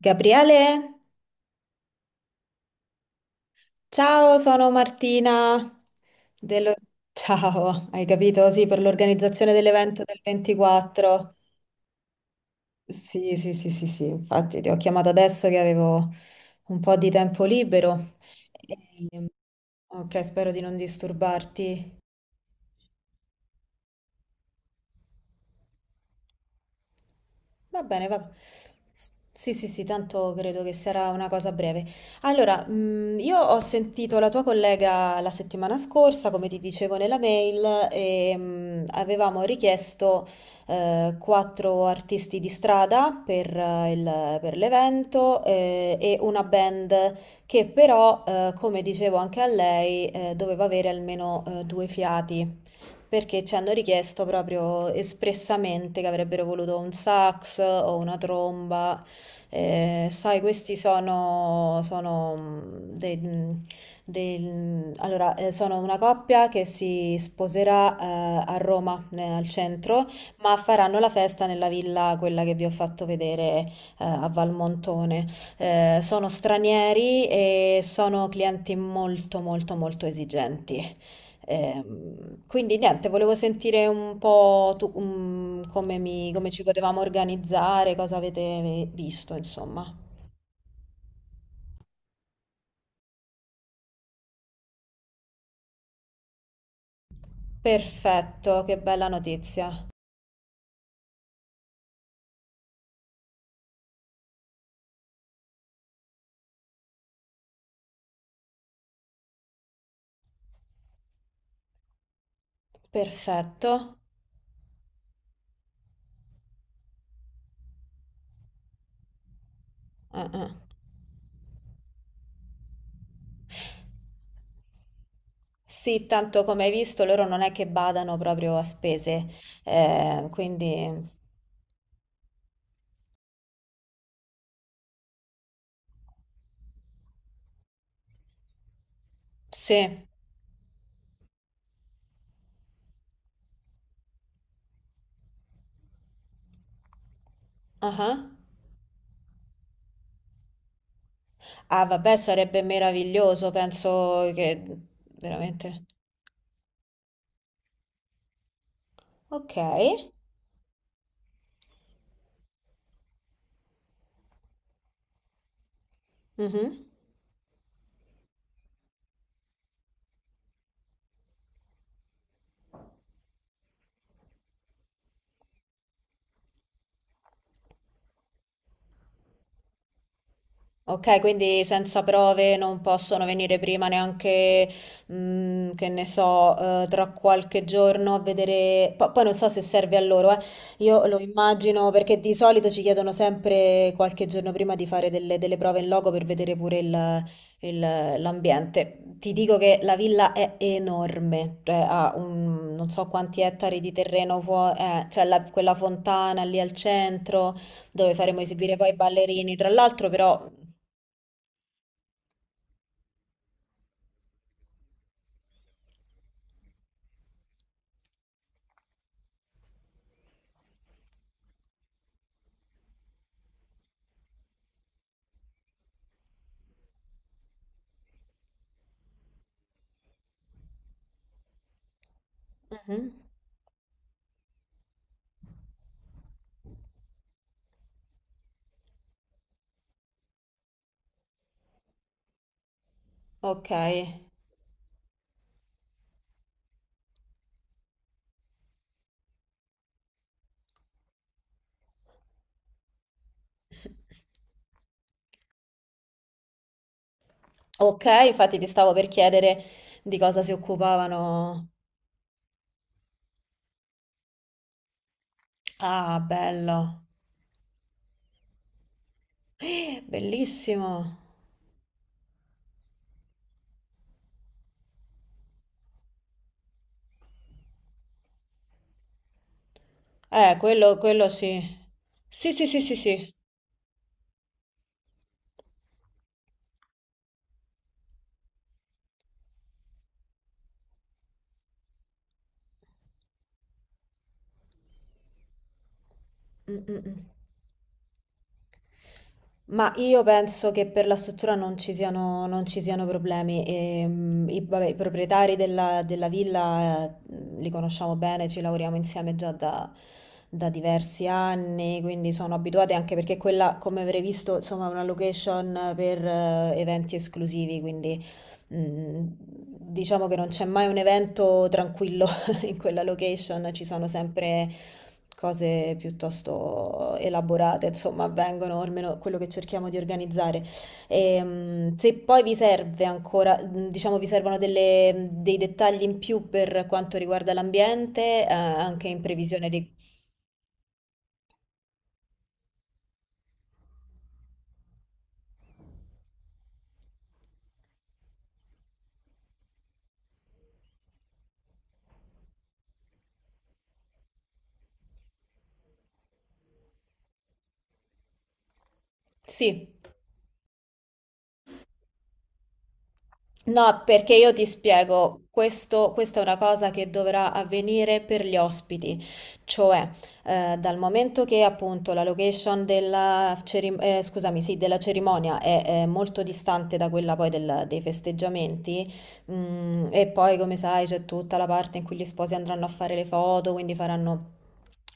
Gabriele, ciao, sono Martina dello- Ciao, hai capito? Sì, per l'organizzazione dell'evento del 24. Sì, sì, sì, sì, sì, infatti ti ho chiamato adesso che avevo un po' di tempo libero. Ehm, ok, spero di non disturbarti. Va bene, va. Sì, sì, sì, tanto credo che sarà una cosa breve. Allora, io ho sentito la tua collega la settimana scorsa, come ti dicevo nella mail, e avevamo richiesto quattro artisti di strada per, per l'evento e una band che però, come dicevo anche a lei, doveva avere almeno due fiati perché ci hanno richiesto proprio espressamente che avrebbero voluto un sax o una tromba. Sai, questi sono dei, mm, dei allora, sono una coppia che si sposerà, a Roma, al centro, ma faranno la festa nella villa, quella che vi ho fatto vedere, a Valmontone. Sono stranieri e sono clienti molto, molto, molto esigenti. Quindi niente, volevo sentire un po' tu, come, come ci potevamo organizzare, cosa avete visto, insomma. Perfetto, che bella notizia. Perfetto. Ah, ah. Sì, tanto come hai visto, loro non è che badano proprio a spese, quindi sì. Ah, ah. Ah, vabbè, sarebbe meraviglioso, penso che veramente. Ok. Mhm. Ok, quindi senza prove non possono venire prima neanche, che ne so, tra qualche giorno a vedere. Poi non so se serve a loro, eh. Io lo immagino perché di solito ci chiedono sempre qualche giorno prima di fare delle prove in loco per vedere pure il- l'ambiente. Ti dico che la villa è enorme, cioè ha un, non so quanti ettari di terreno fuori, quella fontana lì al centro dove faremo esibire poi i ballerini. Tra l'altro, però, mhm. Ok, ok, infatti ti stavo per chiedere di cosa si occupavano. Ah, bello, eh, bellissimo. Quello, quello sì. Sì, sì, sì, sì, sì. Mm, mm, mm. Ma io penso che per la struttura non ci siano problemi. E, i, vabbè, i proprietari della villa li conosciamo bene, ci lavoriamo insieme già da diversi anni, quindi sono abituati anche perché quella, come avrei visto, insomma, è una location per eventi esclusivi, quindi diciamo che non c'è mai un evento tranquillo in quella location ci sono sempre cose piuttosto elaborate, insomma, avvengono, almeno quello che cerchiamo di organizzare. E, se poi vi serve ancora, diciamo, vi servono dei dettagli in più per quanto riguarda l'ambiente, anche in previsione dei... Sì. No, perché io ti spiego, questo, questa è una cosa che dovrà avvenire per gli ospiti, cioè dal momento che appunto la location della, scusami, sì, della cerimonia è molto distante da quella poi dei festeggiamenti, e poi come sai c'è tutta la parte in cui gli sposi andranno a fare le foto, quindi faranno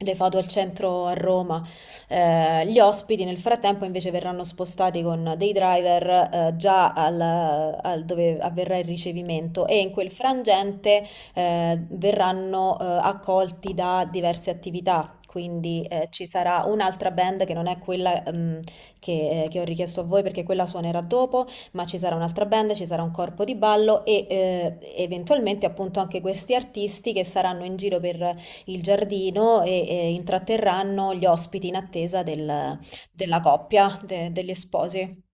le foto al centro a Roma. Gli ospiti nel frattempo invece verranno spostati con dei driver già al dove avverrà il ricevimento e in quel frangente verranno accolti da diverse attività. Quindi ci sarà un'altra band che non è quella che ho richiesto a voi perché quella suonerà dopo, ma ci sarà un'altra band, ci sarà un corpo di ballo e eventualmente appunto anche questi artisti che saranno in giro per il giardino e intratterranno gli ospiti in attesa della coppia, degli sposi.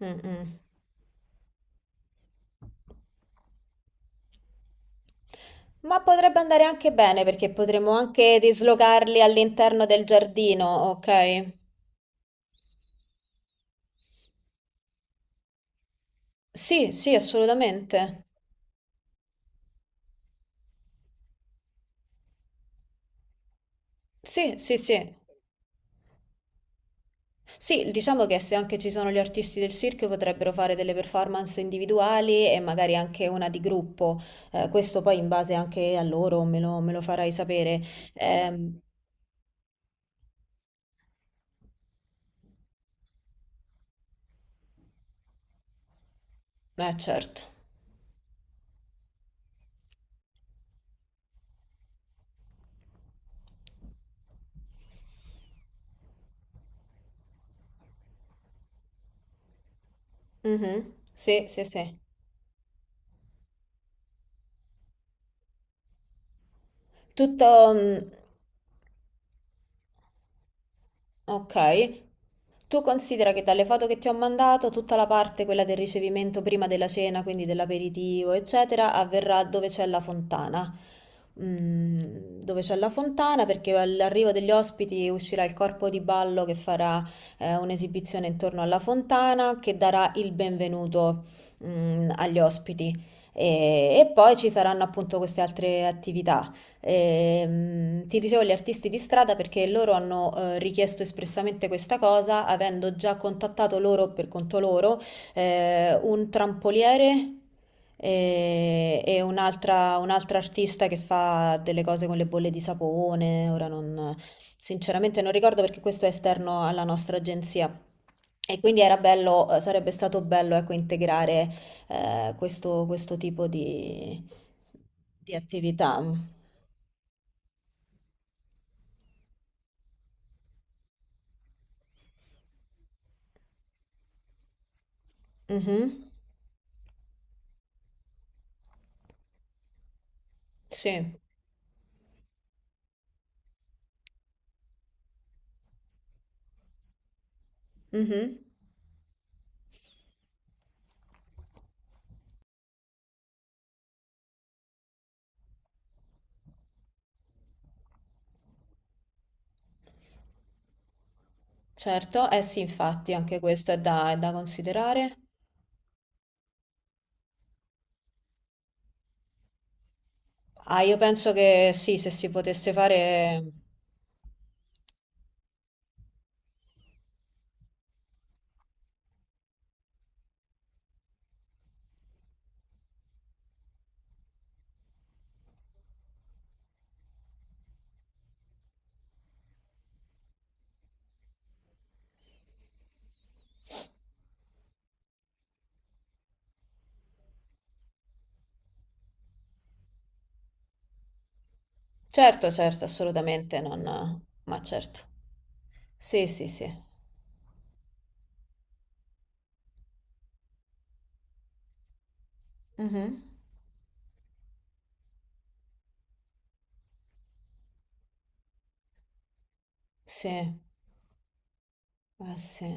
Mm, mm. Ma potrebbe andare anche bene perché potremmo anche dislocarli all'interno del giardino, ok? Sì, sì, assolutamente. Sì, sì, sì. Sì, diciamo che se anche ci sono gli artisti del circo potrebbero fare delle performance individuali e magari anche una di gruppo. Questo poi in base anche a loro me lo farai sapere. Ehm, certo. Mhm. Sì, sì, sì. Tutto, mm, ok. Tu considera che dalle foto che ti ho mandato, tutta la parte, quella del ricevimento prima della cena, quindi dell'aperitivo, eccetera, avverrà dove c'è la fontana. Mm, dove c'è la fontana, perché all'arrivo degli ospiti uscirà il corpo di ballo che farà un'esibizione intorno alla fontana che darà il benvenuto agli ospiti. E poi ci saranno appunto queste altre attività. Ti dicevo gli artisti di strada perché loro hanno richiesto espressamente questa cosa, avendo già contattato loro per conto loro un trampoliere e un'altra artista che fa delle cose con le bolle di sapone. Ora non, Sinceramente non ricordo perché questo è esterno alla nostra agenzia. E quindi era bello, sarebbe stato bello, ecco, integrare eh, questo tipo di attività. Mh-mh. Sì. Mh-mh. Certo, eh sì, infatti anche questo è da considerare. Ah, io penso che sì, se si potesse fare certo, certo, assolutamente non ma certo. Sì, sì, sì. Mh-mh. Sì. Ah sì.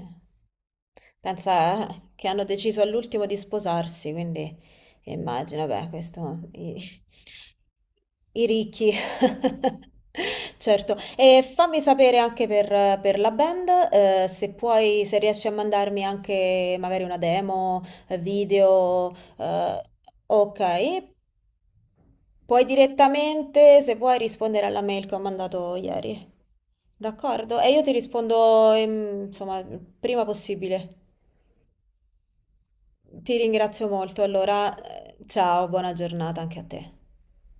Pensa, che hanno deciso all'ultimo di sposarsi, quindi immagino, beh, questo i, i ricchi. Certo. E fammi sapere anche per la band, se puoi, se riesci a mandarmi anche magari una demo, video, ok. Puoi direttamente, se vuoi, rispondere alla mail che ho mandato ieri. D'accordo, e io ti rispondo, insomma, prima possibile. Ti ringrazio molto, allora, ciao, buona giornata anche a te.